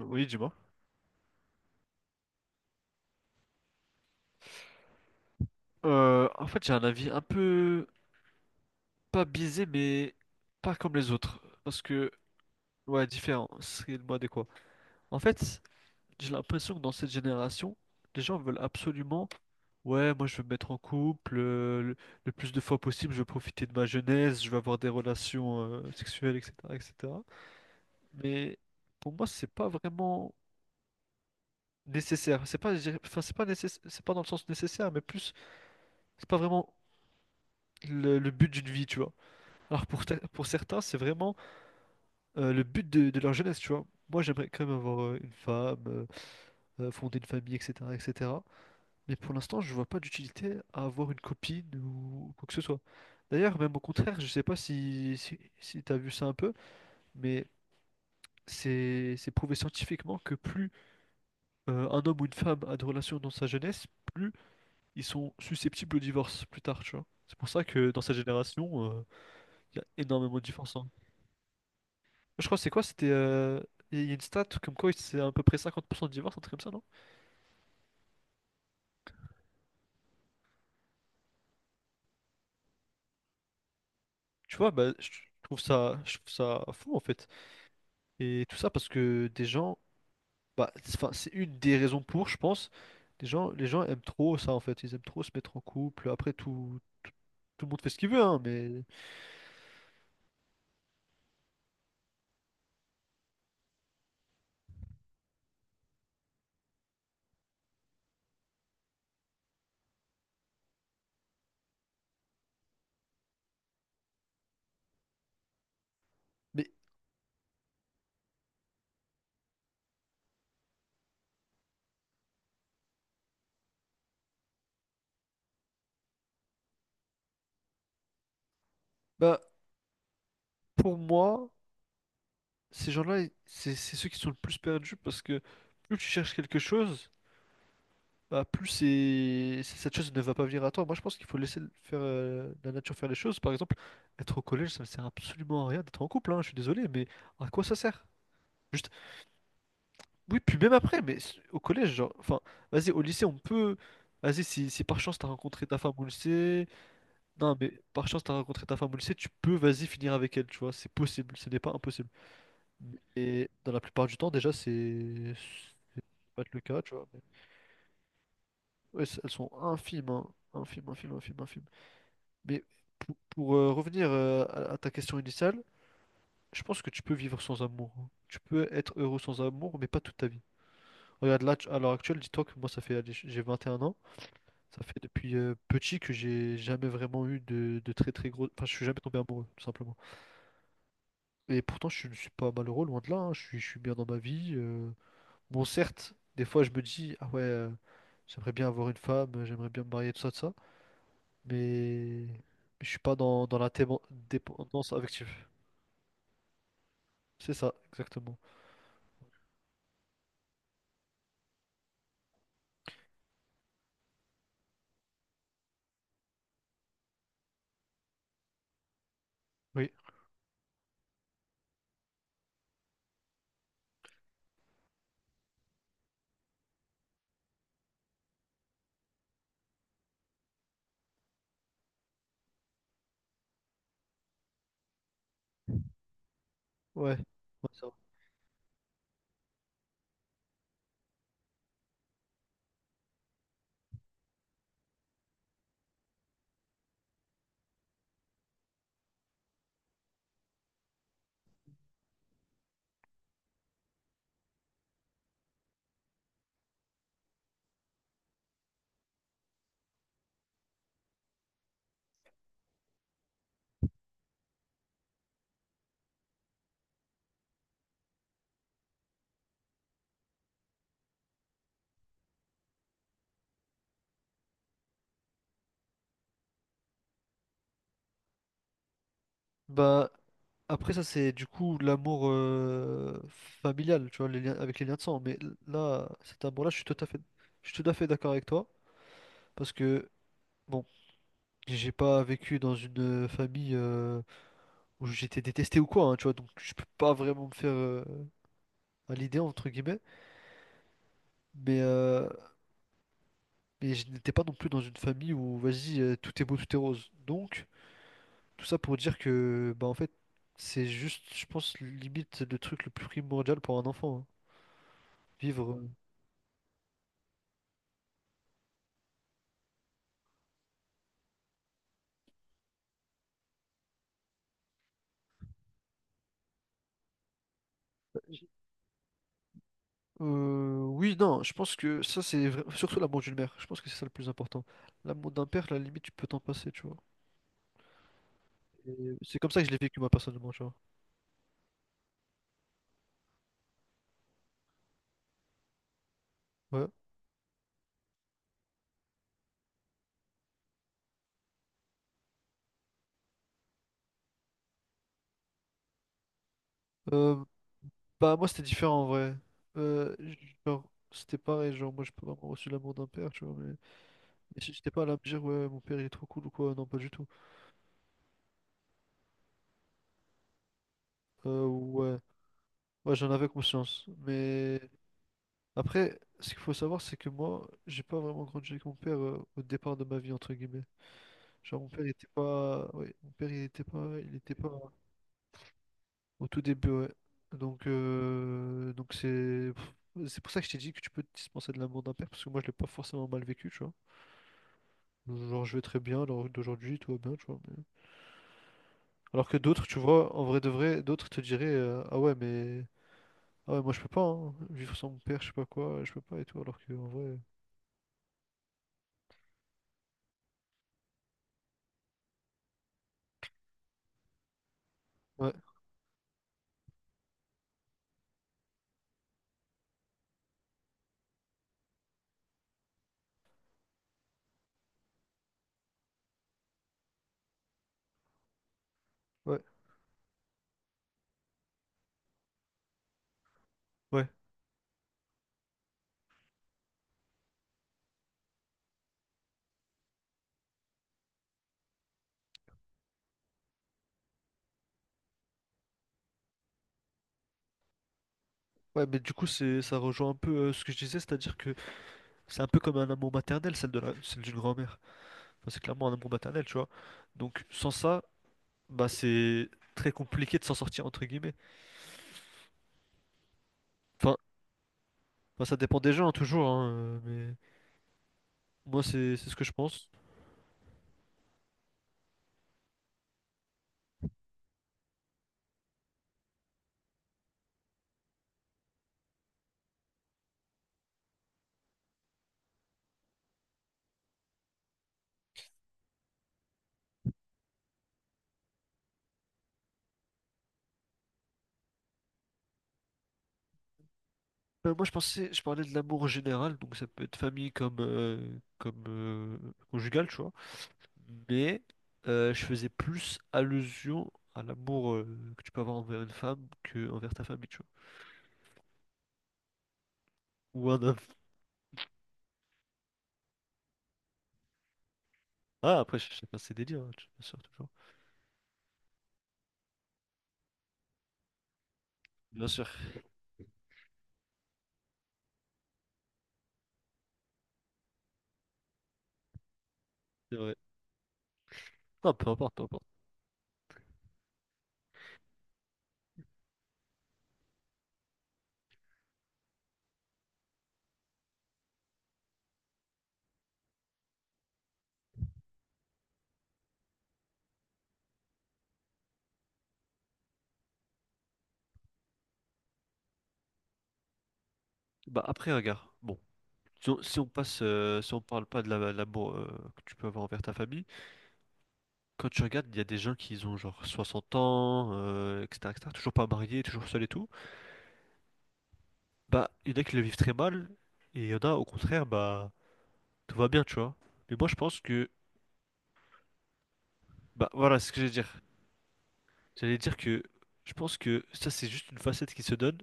Oui, dis-moi. En fait, j'ai un avis un peu pas biaisé, mais pas comme les autres. Parce que, ouais, différent. C'est le mot adéquat. En fait, j'ai l'impression que dans cette génération, les gens veulent absolument, ouais, moi je veux me mettre en couple le plus de fois possible, je veux profiter de ma jeunesse, je veux avoir des relations sexuelles, etc., etc. Mais pour moi, c'est pas vraiment nécessaire. C'est pas, enfin, c'est pas nécessaire, c'est pas dans le sens nécessaire, mais plus, c'est pas vraiment le but d'une vie, tu vois. Alors pour certains, c'est vraiment le but de leur jeunesse, tu vois. Moi, j'aimerais quand même avoir une femme, fonder une famille, etc., etc. Mais pour l'instant, je vois pas d'utilité à avoir une copine ou quoi que ce soit. D'ailleurs, même au contraire, je sais pas si t'as vu ça un peu, mais c'est prouvé scientifiquement que plus un homme ou une femme a de relations dans sa jeunesse, plus ils sont susceptibles au divorce plus tard, tu vois. C'est pour ça que dans sa génération, il y a énormément de divorces. Je crois que c'est quoi? C'était. Il y a une stat comme quoi c'est à peu près 50 % de divorce, un truc comme ça, non? Tu vois, bah, je trouve ça fou en fait. Et tout ça parce que des gens. Bah, c'est une des raisons pour, je pense. Les gens aiment trop ça en fait. Ils aiment trop se mettre en couple. Après, tout le monde fait ce qu'il veut, hein, mais. Mais bah, pour moi, ces gens-là, c'est ceux qui sont le plus perdus parce que plus tu cherches quelque chose. Bah, plus cette chose ne va pas venir à toi. Moi, je pense qu'il faut faire la nature faire les choses. Par exemple, être au collège, ça ne sert absolument à rien d'être en couple, hein, je suis désolé, mais à quoi ça sert? Juste, oui, puis même après, mais au collège, genre, enfin, vas-y, au lycée, on peut. Vas-y, si par chance t'as rencontré ta femme au lycée. Non, mais par chance t'as rencontré ta femme au lycée, tu peux, vas-y, finir avec elle, tu vois, c'est possible, ce n'est pas impossible. Et dans la plupart du temps, déjà, c'est pas le cas, tu vois. Ouais, elles sont infimes, hein. Infimes, infimes, infimes, infimes. Mais revenir à ta question initiale, je pense que tu peux vivre sans amour. Hein. Tu peux être heureux sans amour, mais pas toute ta vie. Regarde, à l'heure actuelle, dis-toi que moi, ça fait, allez, j'ai 21 ans. Ça fait depuis petit que j'ai jamais vraiment eu de très très gros. Enfin, je suis jamais tombé amoureux, tout simplement. Et pourtant, je ne suis pas malheureux, loin de là. Hein. Je suis bien dans ma vie. Bon, certes, des fois, je me dis, ah ouais, j'aimerais bien avoir une femme, j'aimerais bien me marier, tout ça, tout ça. Mais je suis pas dans la dépendance affective. C'est ça, exactement. Oui, ouais. Ouais, ça va. Bah, après ça, c'est du coup l'amour familial, tu vois, les liens, avec les liens de sang. Mais là, cet amour-là, je suis tout à fait d'accord avec toi. Parce que, bon, j'ai pas vécu dans une famille où j'étais détesté ou quoi, hein, tu vois. Donc, je peux pas vraiment me faire à l'idée, entre guillemets. Mais, euh, mais je n'étais pas non plus dans une famille où, vas-y, tout est beau, tout est rose. Donc, tout ça pour dire que, bah en fait, c'est juste, je pense, limite le truc le plus primordial pour un enfant. Hein. Vivre. Oui, non, je pense que ça, surtout l'amour d'une mère. Je pense que c'est ça le plus important. L'amour d'un père, à la limite, tu peux t'en passer, tu vois. Et c'est comme ça que je l'ai vécu, moi, personnellement, tu vois. Ouais. Euh, bah, moi, c'était différent, en vrai. Genre, c'était pareil, genre, moi, j'ai pas vraiment reçu l'amour d'un père, tu vois. J'étais pas là à me dire, ouais, mon père, il est trop cool ou quoi. Non, pas du tout. Ouais. Ouais, j'en avais conscience. Mais. Après, ce qu'il faut savoir, c'est que moi, j'ai pas vraiment grandi avec mon père au départ de ma vie, entre guillemets. Genre, mon père, il était pas... Ouais, mon père, il était pas... Il était pas au tout début, ouais. Donc, c'est... C'est pour ça que je t'ai dit que tu peux te dispenser de l'amour d'un père, parce que moi, je l'ai pas forcément mal vécu, tu vois. Genre, je vais très bien, alors d'aujourd'hui, tout va bien, tu vois. Alors que d'autres, tu vois, en vrai de vrai, d'autres te diraient, ah ouais, mais... Ah ouais, moi, je peux pas, hein, vivre sans mon père, je sais pas quoi, je peux pas, et tout, alors que, en vrai... Ouais, ouais, ouais. Ouais, mais du coup, ça rejoint un peu ce que je disais, c'est-à-dire que c'est un peu comme un amour maternel, celle d'une grand-mère. Enfin, c'est clairement un amour maternel, tu vois. Donc, sans ça, bah, c'est très compliqué de s'en sortir, entre guillemets. Enfin, bah, ça dépend des gens, hein, toujours, hein, mais moi, c'est ce que je pense. Moi, je pensais, je parlais de l'amour en général, donc ça peut être famille comme conjugal, tu vois. Mais je faisais plus allusion à l'amour que tu peux avoir envers une femme que envers ta famille, tu vois. Ou un. Ah, après, chacun ses délires, hein, bien sûr, toujours. Bien sûr, c'est vrai. Non, peu importe, peu importe. Bah, après, regarde, bon, si on passe, si on parle pas de l'amour que tu peux avoir envers ta famille, quand tu regardes, il y a des gens qui ont genre 60 ans, etc., etc., toujours pas mariés, toujours seuls et tout. Bah, il y en a qui le vivent très mal, et il y en a, au contraire, bah, tout va bien, tu vois. Mais moi, je pense que, bah, voilà, c'est ce que j'allais dire. J'allais dire que je pense que ça, c'est juste une facette qui se donne,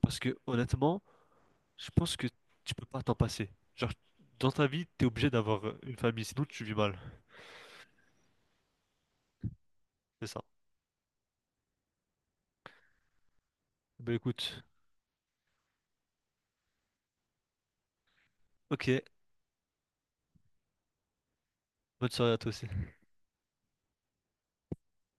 parce que, honnêtement, je pense que tu peux pas t'en passer. Genre, dans ta vie, t'es obligé d'avoir une famille, sinon tu vis mal. C'est ça. Ben écoute, ok, bonne soirée à toi aussi.